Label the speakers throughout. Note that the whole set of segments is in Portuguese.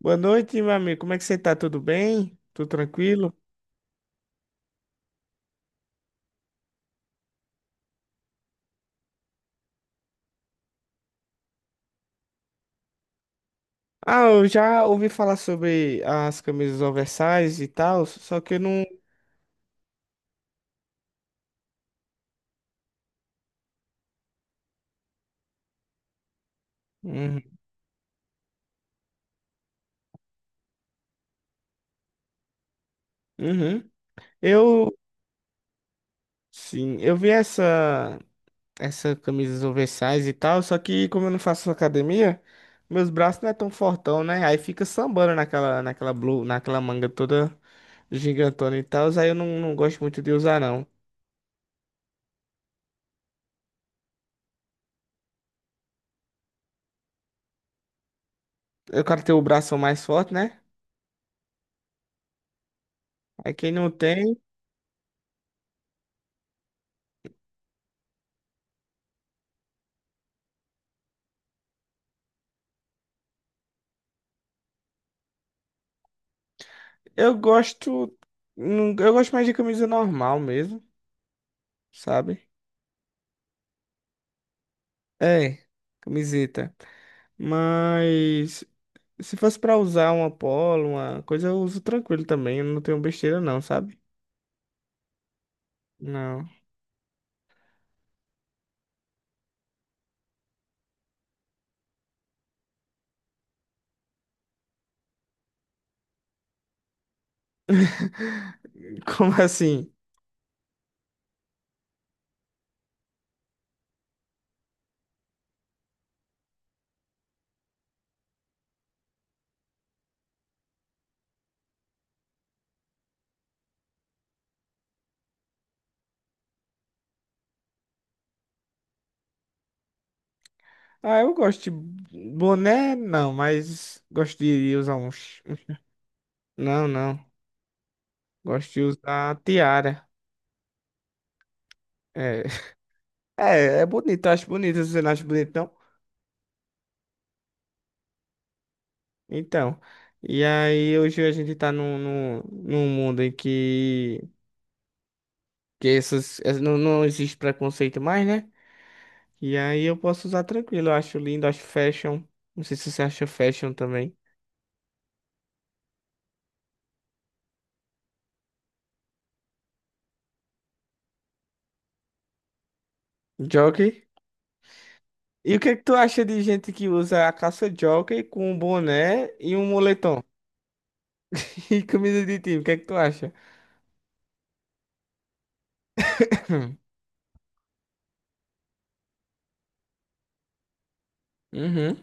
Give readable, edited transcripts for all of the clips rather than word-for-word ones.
Speaker 1: Boa noite, meu amigo. Como é que você tá? Tudo bem? Tudo tranquilo? Ah, eu já ouvi falar sobre as camisas oversize e tal, só que eu não. Uhum. Uhum. Eu, sim, eu vi essa camisa oversize e tal, só que como eu não faço academia, meus braços não é tão fortão, né? Aí fica sambando naquela blue, naquela manga toda gigantona e tal, aí eu não, não gosto muito de usar, não. Eu quero ter o braço mais forte, né? Aí quem não tem. Eu gosto. Eu gosto mais de camisa normal mesmo, sabe? É, camiseta. Mas se fosse pra usar uma polo, uma coisa, eu uso tranquilo também. Eu não tenho besteira, não, sabe? Não. Como assim? Ah, eu gosto de boné, não, mas gosto de usar uns. Não, não. Gosto de usar tiara. É, é bonito, eu acho bonito. Você não acha bonito, não? Então, e aí hoje a gente tá num mundo em que não, não existe preconceito mais, né? E aí eu posso usar tranquilo, eu acho lindo, acho fashion. Não sei se você acha fashion também. Jockey. E o que é que tu acha de gente que usa a calça jockey com um boné e um moletom? E camisa de time, o que é que tu acha? Uhum.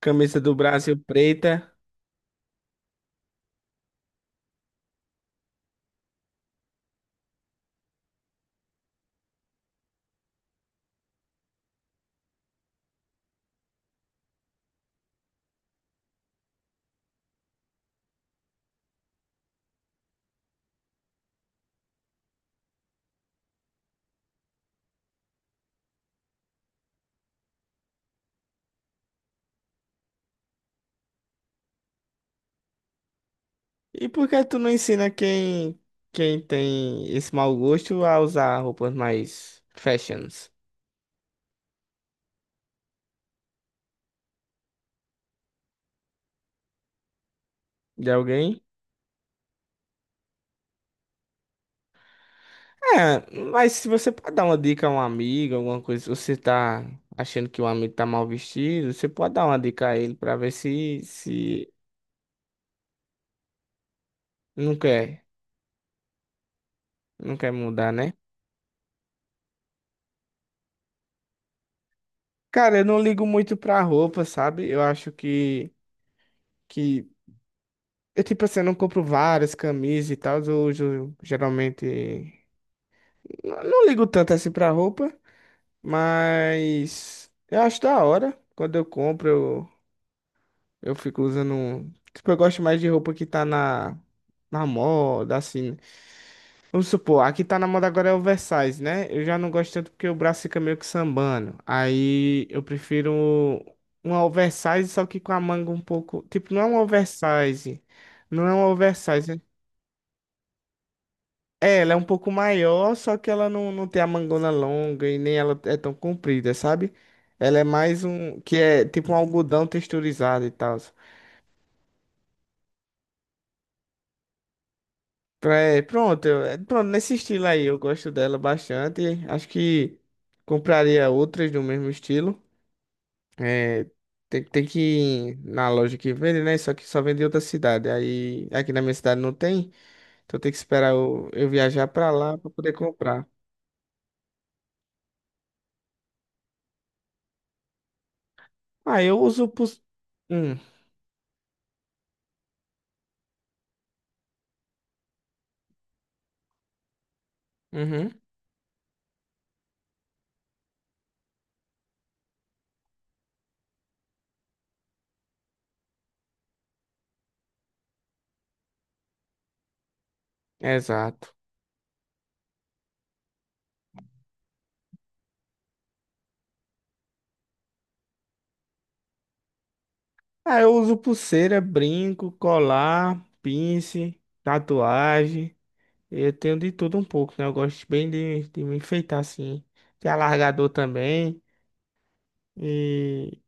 Speaker 1: Camisa do Brasil preta. E por que tu não ensina quem tem esse mau gosto a usar roupas mais fashions de alguém? É, mas se você pode dar uma dica a um amigo, alguma coisa, se você tá achando que um amigo tá mal vestido, você pode dar uma dica a ele pra ver se não quer, não quer mudar, né? Cara, eu não ligo muito pra roupa, sabe? Eu acho que eu, tipo assim, eu não compro várias camisas e tal, eu uso geralmente. Não não ligo tanto assim pra roupa. Mas eu acho da hora. Quando eu compro, eu fico usando. Tipo, eu gosto mais de roupa que tá na moda, assim. Vamos supor, aqui tá na moda agora é oversize, né? Eu já não gosto tanto porque o braço fica meio que sambando. Aí eu prefiro uma oversize, só que com a manga um pouco. Tipo, não é um oversize. Não é um oversize. É, ela é um pouco maior, só que ela não, não tem a mangona longa e nem ela é tão comprida, sabe? Ela é mais um, que é tipo um algodão texturizado e tal. É, pronto, é, pronto, nesse estilo aí, eu gosto dela bastante. Acho que compraria outras do mesmo estilo. É, tem que ir na loja que vende, né? Só que só vende em outra cidade. Aí aqui na minha cidade não tem, então tem que esperar eu viajar pra lá pra poder comprar. Ah, eu uso pros... Hum, uhum, exato. Ah, eu uso pulseira, brinco, colar, pince, tatuagem. Eu tenho de tudo um pouco, né? Eu gosto bem de me enfeitar assim. Tem alargador também. E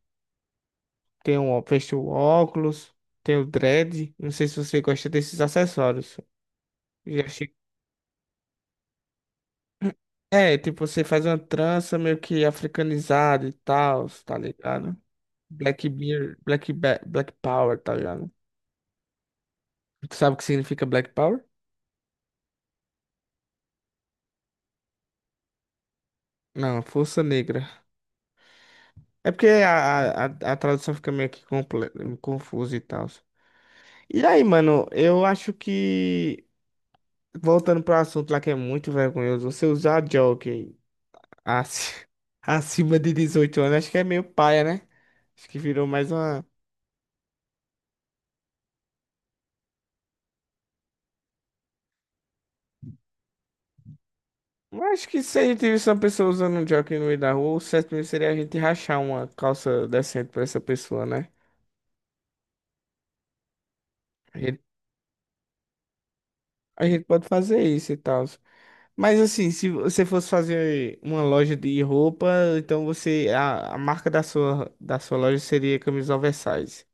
Speaker 1: tem um, fecho o óculos. Tem o dread. Não sei se você gosta desses acessórios. Já achei... É, tipo, você faz uma trança meio que africanizada e tal, tá ligado? Black Beer, Black Power, tá ligado? Tu sabe o que significa Black Power? Não, força negra. É porque a tradução fica meio que confusa e tal. E aí, mano, eu acho que voltando pro assunto lá que é muito vergonhoso, você usar jockey ac- acima de 18 anos, acho que é meio paia, né? Acho que virou mais uma. Eu acho que se a gente visse uma pessoa usando um jockey no meio da rua, o certo mesmo seria a gente rachar uma calça decente pra essa pessoa, né? A gente, a gente pode fazer isso e tal. Mas assim, se você fosse fazer uma loja de roupa, então você a marca da sua loja seria camisa oversize.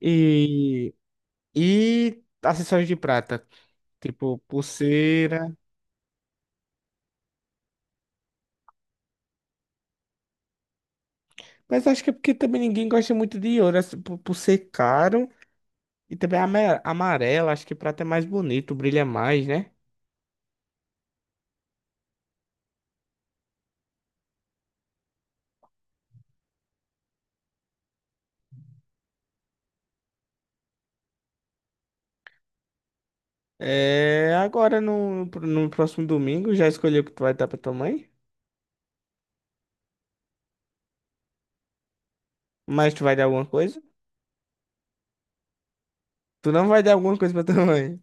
Speaker 1: E e acessórios de prata, tipo pulseira. Mas acho que é porque também ninguém gosta muito de ouro, assim, por ser caro e também amarelo, acho que prata é mais bonito, brilha mais, né? É, agora no próximo domingo já escolheu o que tu vai dar pra tua mãe? Mas tu vai dar alguma coisa? Tu não vai dar alguma coisa pra tua mãe?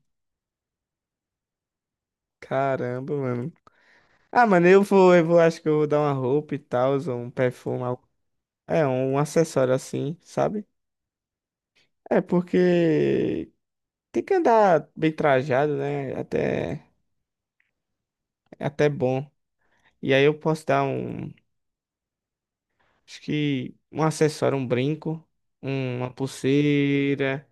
Speaker 1: Caramba, mano. Ah, mano, eu vou, acho que eu vou dar uma roupa e tal, um perfume, é, um acessório assim, sabe? É, porque tem que andar bem trajado, né? Até, é até bom. E aí eu posso dar um, acho que um acessório, um brinco, uma pulseira.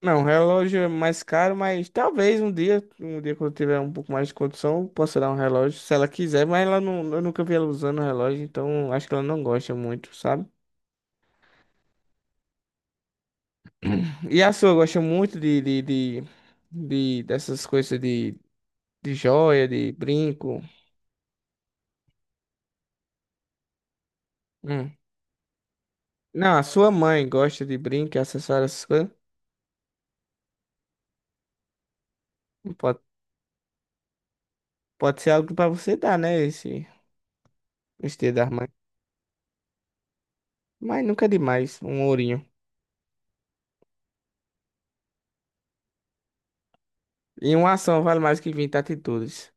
Speaker 1: Não, relógio é mais caro, mas talvez um dia quando eu tiver um pouco mais de condição, eu possa dar um relógio, se ela quiser, mas ela não, eu nunca vi ela usando relógio, então acho que ela não gosta muito, sabe? E a sua gosta muito dessas coisas de joia, de brinco. Hum. Não, a sua mãe gosta de brinco, acessórios, essas coisas. Pode, pode ser algo pra você dar, né? Esse dia das mães. Mas nunca é demais, um ourinho. E uma ação vale mais que 20 atitudes.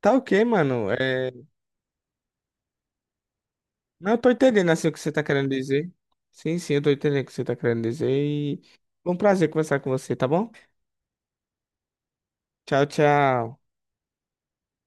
Speaker 1: Tá ok, mano. É... Não, eu tô entendendo assim o que você tá querendo dizer. Sim, sim, eu tô entendendo o que você tá querendo dizer. E foi um prazer conversar com você, tá bom? Tchau, tchau.